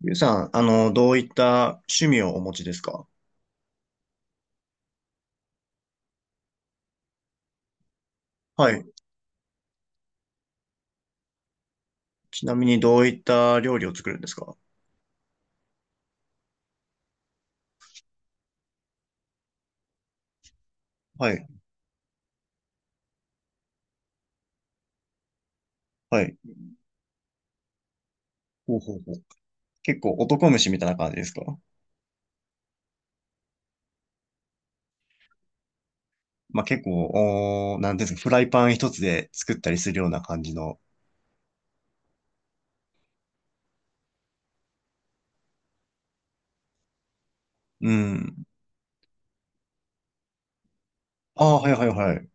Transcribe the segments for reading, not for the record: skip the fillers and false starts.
ゆうさん、どういった趣味をお持ちですか？はい。ちなみにどういった料理を作るんですか？はい。はい。ほうほうほう。結構男飯みたいな感じですか？まあ、結構、なんていうんですか、フライパン一つで作ったりするような感じの。うん。ああ、はいはいはい。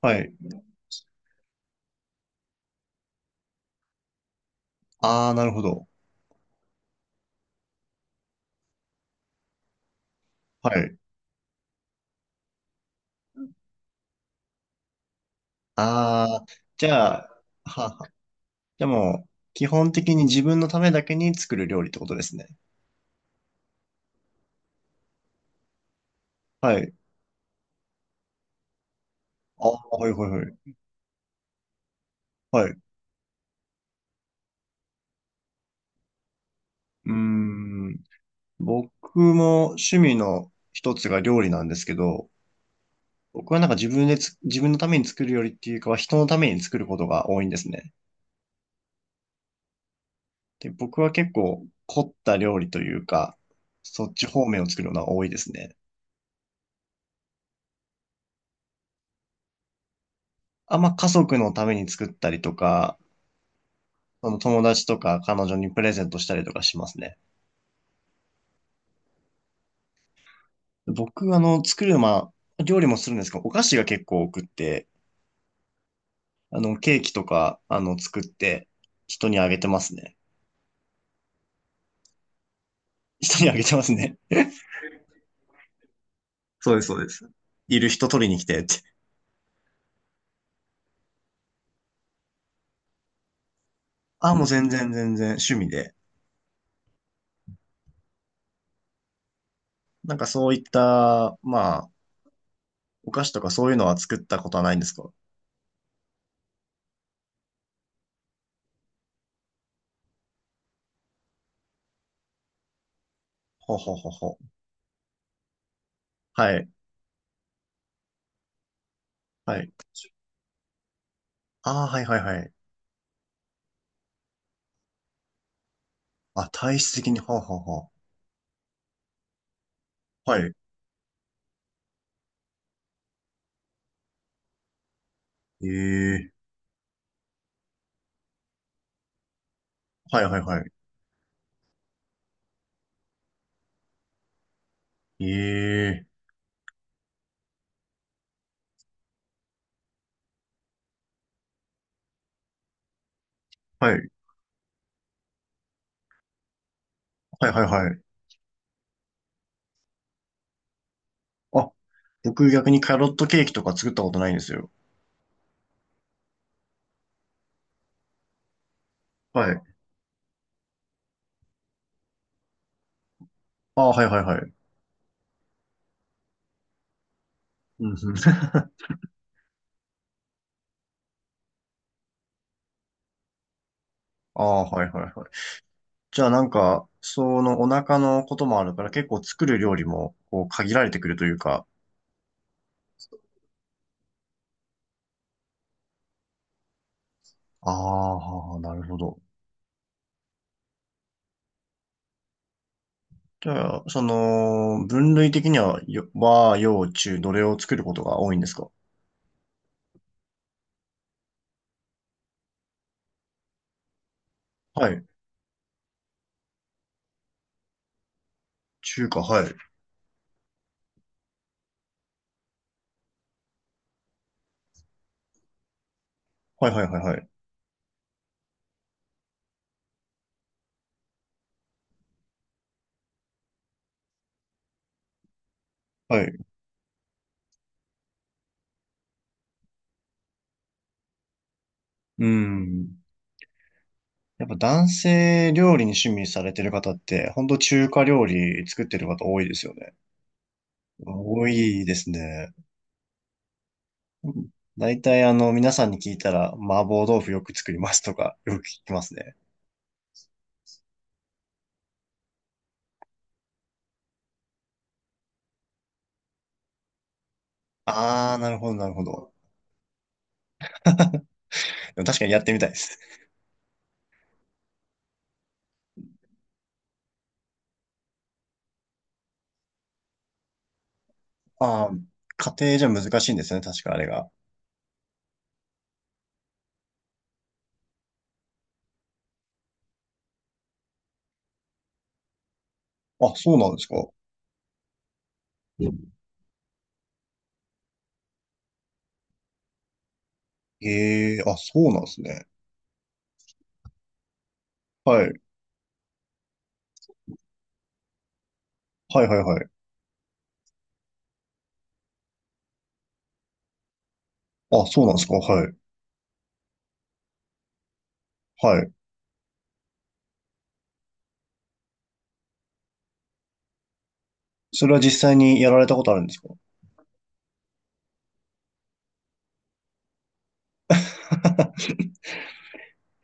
はい。ああ、なるほど。はい。ああ、じゃあ、ははあ。じゃあもう、基本的に自分のためだけに作る料理ってことですね。はい。ああ、はいはいはい。はい。うーん。僕も趣味の一つが料理なんですけど、僕はなんか自分のために作るよりっていうかは人のために作ることが多いんですね。で、僕は結構凝った料理というか、そっち方面を作るのが多いですね。あんま家族のために作ったりとか、その友達とか彼女にプレゼントしたりとかしますね。僕、まあ、料理もするんですけど、お菓子が結構多くって、ケーキとか、作って人にあげてますね。人にあげてますね。そうです、そうです。いる人取りに来てって。あ、もう全然全然趣味で。なんかそういった、まあ、お菓子とかそういうのは作ったことはないんですか？ほうほうほうほう。はい、はい。ああ、はいはいはい。あ、体質的に、ほうほうほう。はい。ええ、はいはいはい。ええ、はい、はいはいはい。あ、僕逆にキャロットケーキとか作ったことないんですよ。はい。ああ、はいはいはい。うんうん。ああ、はいはいはい。じゃあなんか、そのお腹のこともあるから結構作る料理もこう限られてくるというか。ああ、はあ、なるほど。じゃあ、分類的には、和、洋、中、どれを作ることが多いんですか？はい。中華、はい。はいはいはいはい。はい。うん。やっぱ男性料理に趣味されてる方って、ほんと中華料理作ってる方多いですよね。多いですね。うん、大体皆さんに聞いたら、麻婆豆腐よく作りますとか、よく聞きますね。ああ、なるほど、なるほど。でも確かにやってみたいです。ああ、家庭じゃ難しいんですね、確かあれが。あ、そうなんですか。ええ、あ、そうなんですね。はい。はいはいはい。あ、そうなんですか。はい。はい。それは実際にやられたことあるんですか？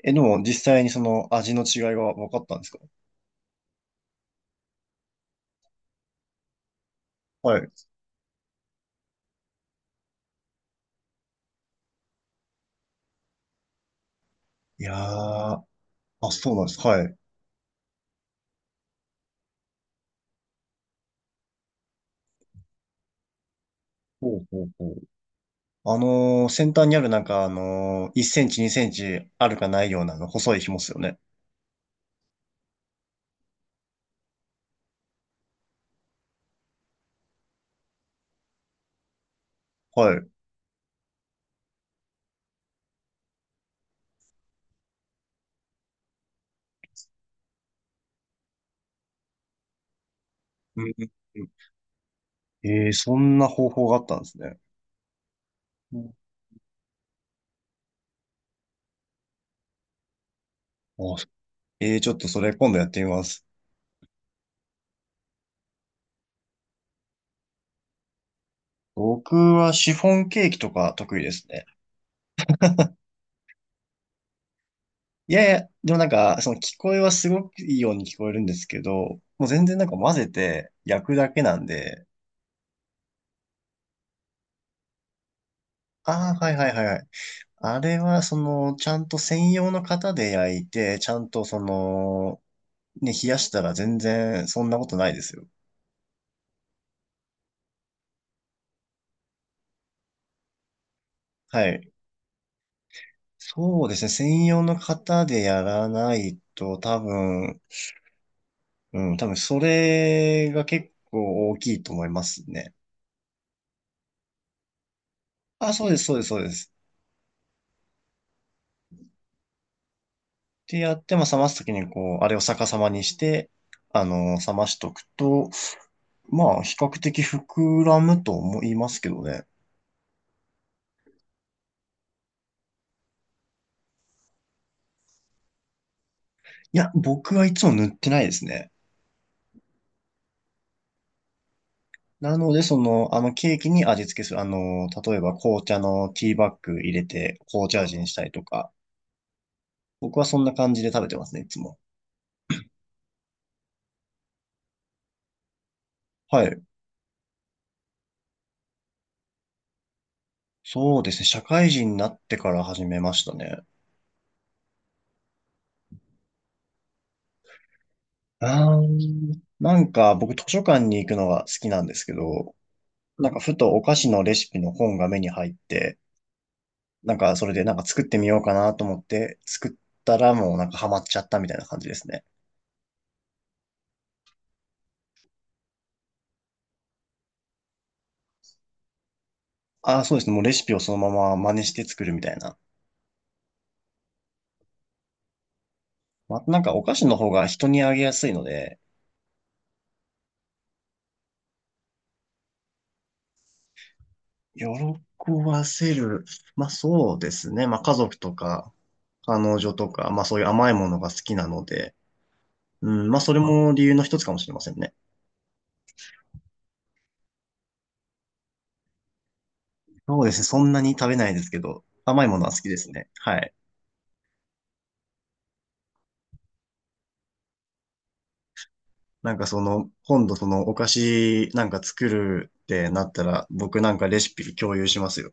え、でも実際にその味の違いが分かったんですか？はい。いやー、あ、そうなんです。はい。ほうほうほう。先端にあるなんか1センチ2センチあるかないようなあの細い紐っすよね。はい。うんうん、ええ、そんな方法があったんですね。うん、あそええ、ちょっとそれ今度やってみます。僕はシフォンケーキとか得意ですね。いやいや、でもなんか、その聞こえはすごくいいように聞こえるんですけど、もう全然なんか混ぜて焼くだけなんで、ああ、はいはいはいはい。あれは、ちゃんと専用の型で焼いて、ちゃんと冷やしたら全然そんなことないですよ。はい。そうですね。専用の型でやらないと多分、うん、多分それが結構大きいと思いますね。あ、そうです、そうです、そうです。ってやって、まあ、冷ますときにこう、あれを逆さまにして、冷ましとくと、まあ、比較的膨らむと思いますけどね。いや、僕はいつも塗ってないですね。なので、ケーキに味付けする。例えば紅茶のティーバッグ入れて、紅茶味にしたりとか。僕はそんな感じで食べてますね、いつも。はい。そうですね。社会人になってから始めましたね。なんか僕図書館に行くのが好きなんですけど、なんかふとお菓子のレシピの本が目に入って、なんかそれでなんか作ってみようかなと思って作ったらもうなんかハマっちゃったみたいな感じですね。ああ、そうですね。もうレシピをそのまま真似して作るみたいな。まあ、なんかお菓子の方が人にあげやすいので、喜ばせる。まあそうですね。まあ家族とか、彼女とか、まあそういう甘いものが好きなので、うん、まあそれも理由の一つかもしれませんね。そうですね。そんなに食べないですけど、甘いものは好きですね。はい。なんか今度そのお菓子なんか作るってなったら、僕なんかレシピ共有しますよ。